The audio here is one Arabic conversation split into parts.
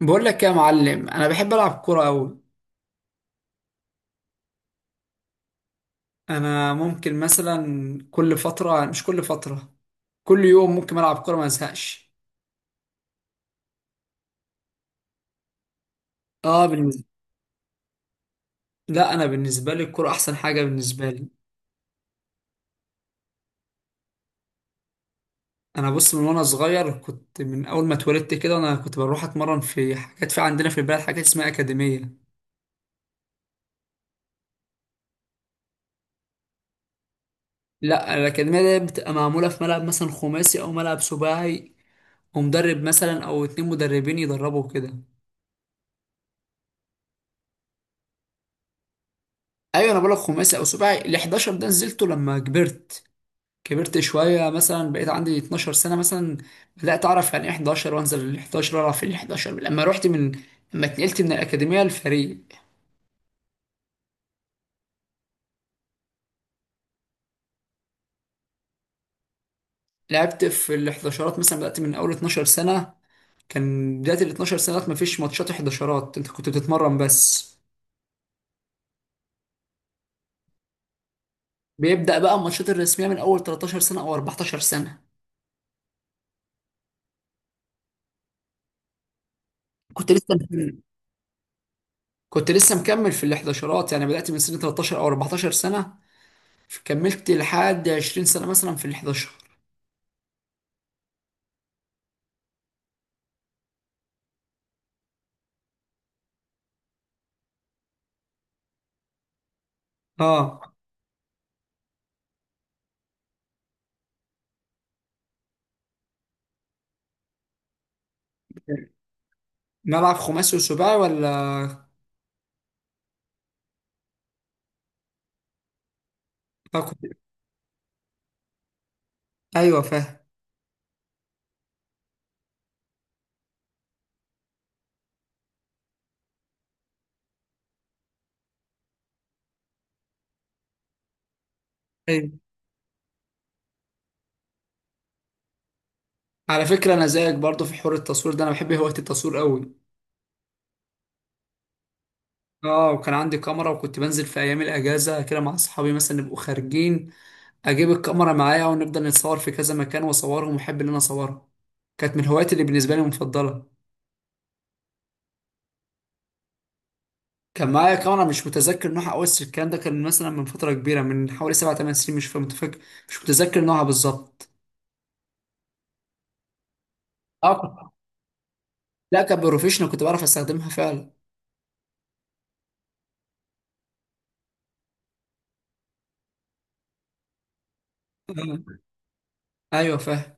بقول لك يا معلم، انا بحب العب كوره قوي. انا ممكن مثلا كل فتره مش كل فتره، كل يوم ممكن العب كوره ما ازهقش. اه بالنسبه. لا، انا بالنسبه لي الكوره احسن حاجه بالنسبه لي. انا بص، من وانا صغير كنت من اول ما اتولدت كده، انا كنت بروح اتمرن في حاجات، في عندنا في البلد حاجات اسمها اكاديميه. لا، الاكاديميه دي بتبقى معموله في ملعب مثلا خماسي او ملعب سباعي، ومدرب مثلا او اتنين مدربين يدربوا كده. ايوه، انا بقولك خماسي او سباعي، ال 11 ده نزلته لما كبرت. كبرت شوية مثلا، بقيت عندي 12 سنة مثلا، بدأت أعرف يعني إيه 11، وأنزل ال 11، وأعرف ال 11 لما اتنقلت من الأكاديمية للفريق. لعبت في ال 11 مثلا، بدأت من أول 12 سنة. كان بداية ال 12 سنة مفيش ماتشات 11، أنت كنت بتتمرن بس. بيبدأ بقى الماتشات الرسمية من أول 13 سنة أو 14 سنة. كنت لسه كنت لسه مكمل في ال 11، يعني بدأت من سن 13 أو 14 سنة. كملت لحد 20 سنة مثلا في ال 11. اه، ملعب خماسي وسباعي ولا كوكب؟ ايوه فاهم. ايوه، على فكره انا زيك برضه في حوار التصوير ده، انا بحب هوايه التصوير قوي. اه، وكان عندي كاميرا، وكنت بنزل في ايام الاجازه كده مع اصحابي، مثلا نبقوا خارجين، اجيب الكاميرا معايا، ونفضل نتصور في كذا مكان واصورهم، واحب ان انا اصورهم. كانت من الهوايات اللي بالنسبه لي مفضله. كان معايا كاميرا مش متذكر نوعها قوي، بس الكلام ده كان مثلا من فتره كبيره، من حوالي 7 8 سنين. مش متذكر نوعها بالظبط. اه. كنت- لا، كان بروفيشنال، كنت بعرف استخدمها فعلا. آه. ايوه فاهم.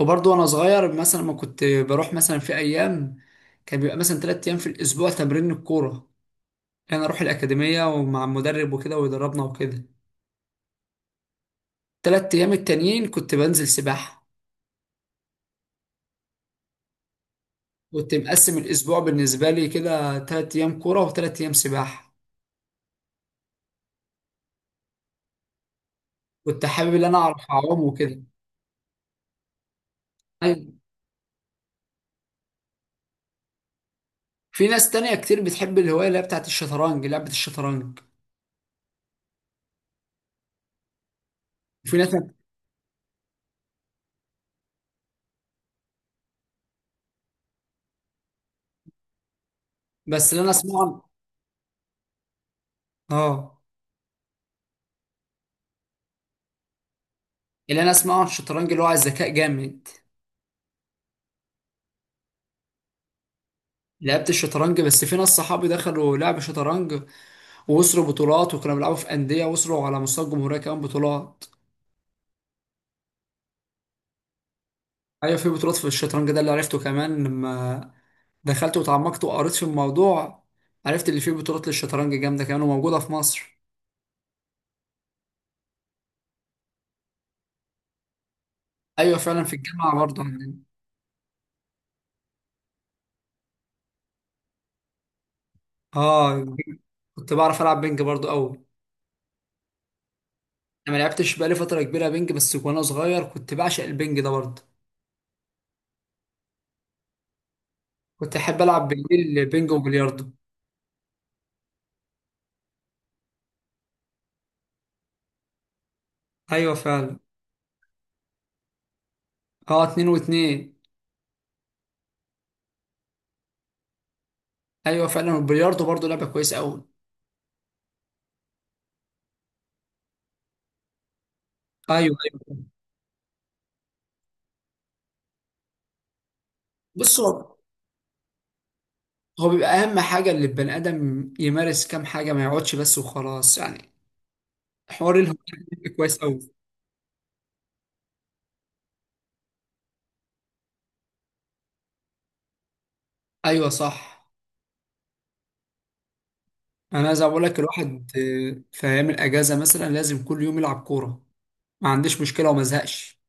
وبرضه وانا صغير مثلا، ما كنت بروح مثلا في ايام، كان بيبقى مثلا 3 ايام في الاسبوع تمرين الكوره. انا اروح الاكاديميه ومع المدرب وكده، ويدربنا وكده. 3 ايام التانيين كنت بنزل سباحه. كنت مقسم الاسبوع بالنسبه لي كده، 3 ايام كوره وثلاث ايام سباحه. كنت حابب ان انا اعرف اعوم وكده. أيوة. في ناس تانية كتير بتحب الهوايه اللي هي بتاعت الشطرنج، لعبه الشطرنج. في ناس. بس اللي انا اسمعه عن- اه اللي انا اسمعه عن الشطرنج اللي هو على الذكاء جامد. لعبت الشطرنج، بس في ناس صحابي دخلوا لعب شطرنج، ووصلوا بطولات، وكانوا بيلعبوا في أندية، وصلوا على مستوى الجمهورية كمان بطولات. أيوة في بطولات في الشطرنج ده، اللي عرفته كمان لما دخلت وتعمقت وقريت في الموضوع. عرفت اللي فيه بطولات للشطرنج جامدة كمان، وموجودة في مصر. أيوة، فعلا في الجامعة برضه عندنا. آه، كنت بعرف ألعب بينج برضه أوي. أنا ما لعبتش بقالي فترة كبيرة بينج، بس وأنا صغير كنت بعشق البينج ده برضه. كنت أحب ألعب بالليل بينج وبلياردو. أيوة فعلا. آه، اتنين واتنين. ايوه فعلا، والبلياردو برضه لعبه كويسه قوي. ايوه، ايوه. بص، هو بيبقى اهم حاجه اللي البني ادم يمارس كام حاجه، ما يقعدش بس وخلاص يعني. حوار الهوايه ده بيبقى كويس قوي. ايوه صح. انا زي ما بقول لك الواحد، في ايام الاجازه مثلا لازم كل يوم يلعب كوره. ما عنديش مشكله وما ازهقش.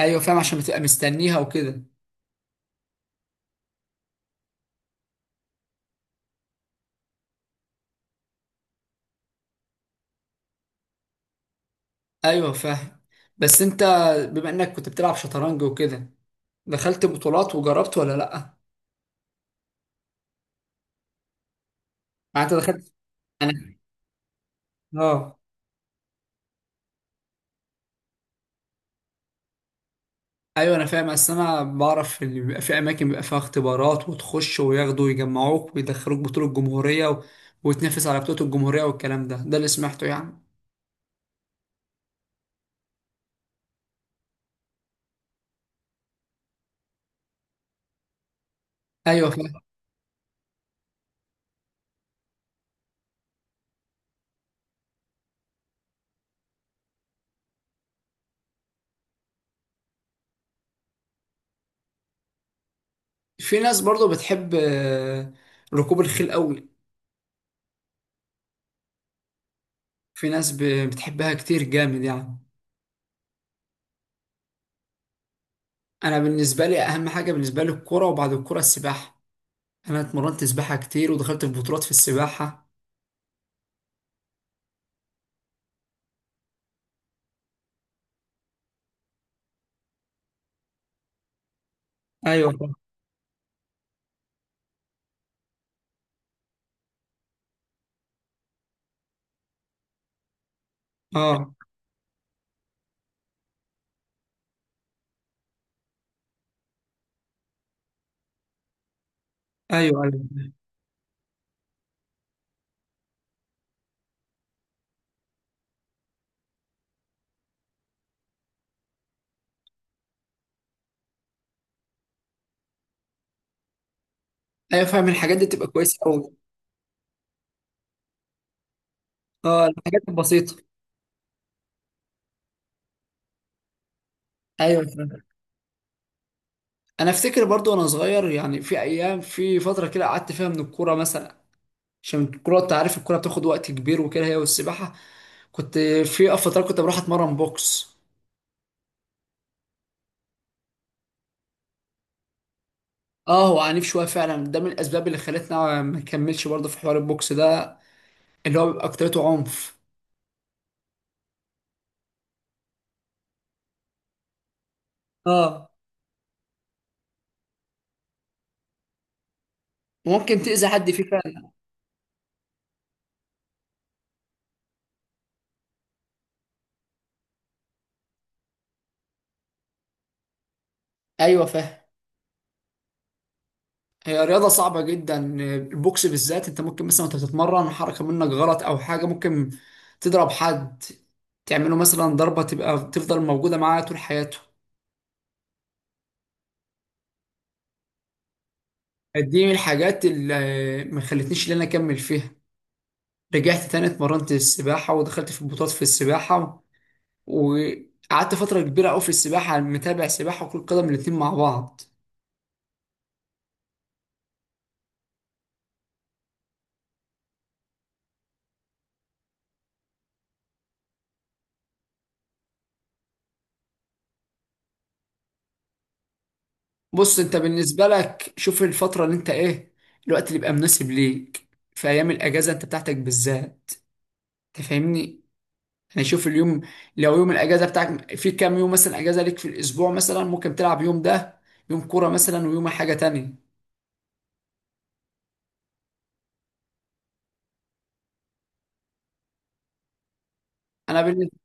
ايوه فاهم، عشان بتبقى مستنيها وكده. ايوه فاهم. بس انت، بما انك كنت بتلعب شطرنج وكده، دخلت بطولات وجربت ولا لا؟ يعني انت دخلت. انا. اه. ايوه انا فاهم، اصل انا بعرف ان بيبقى في اماكن بيبقى فيها اختبارات، وتخش وياخدوا ويجمعوك ويدخلوك بطولة الجمهورية وتنافس على بطولة الجمهورية والكلام ده اللي سمعته يعني. ايوه فاهم. في ناس برضو بتحب ركوب الخيل قوي. في ناس بتحبها كتير جامد يعني. انا بالنسبة لي اهم حاجة بالنسبة لي الكرة، وبعد الكرة السباحة. انا اتمرنت سباحة كتير، ودخلت في بطولات في السباحة. ايوه فاهم. اه. ايوه ايوه. ايوه فاهم، الحاجات دي تبقى كويسة قوي. اه، الحاجات البسيطة. ايوه فاهم. انا افتكر برضو وانا صغير، يعني في ايام، في فتره كده قعدت فيها من الكوره مثلا. عشان الكوره، انت عارف الكوره بتاخد وقت كبير وكده، هي والسباحه. كنت، في فترات كنت بروح اتمرن بوكس. اه، هو عنيف شويه فعلا، ده من الاسباب اللي خلتنا ما نكملش برضو في حوار البوكس ده، اللي هو بيبقى اكترته عنف. اه، ممكن تأذي حد فيه فعلا. ايوه فاهم. هي رياضة صعبة جدا. البوكس بالذات، انت ممكن مثلا وانت بتتمرن حركة منك غلط او حاجة، ممكن تضرب حد، تعمله مثلا ضربة تبقى تفضل موجودة معاه طول حياته. دي من الحاجات اللي ما خلتنيش ان انا اكمل فيها. رجعت تاني اتمرنت السباحة، ودخلت في بطولات في السباحة، وقعدت فترة كبيرة قوي في السباحة، متابع سباحة وكرة قدم الاتنين مع بعض. بص انت، بالنسبة لك شوف الفترة اللي انت ايه، الوقت اللي يبقى مناسب ليك في ايام الاجازة انت بتاعتك بالذات، تفهمني. يعني شوف اليوم، لو يوم الاجازه بتاعك، في كام يوم مثلا اجازه ليك في الاسبوع، مثلا ممكن تلعب يوم ده، يوم كوره مثلا ويوم حاجه تانية. انا بالنسبه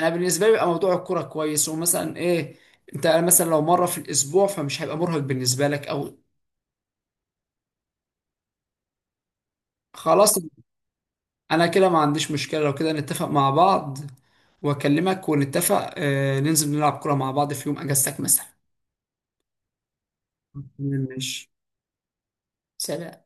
انا بالنسبه لي بيبقى موضوع الكوره كويس، ومثلا ايه، انت مثلا لو مره في الاسبوع فمش هيبقى مرهق بالنسبه لك او. خلاص. انا كده ما عنديش مشكله، لو كده نتفق مع بعض، واكلمك ونتفق، ننزل نلعب كوره مع بعض في يوم اجازتك مثلا. ماشي. سلام.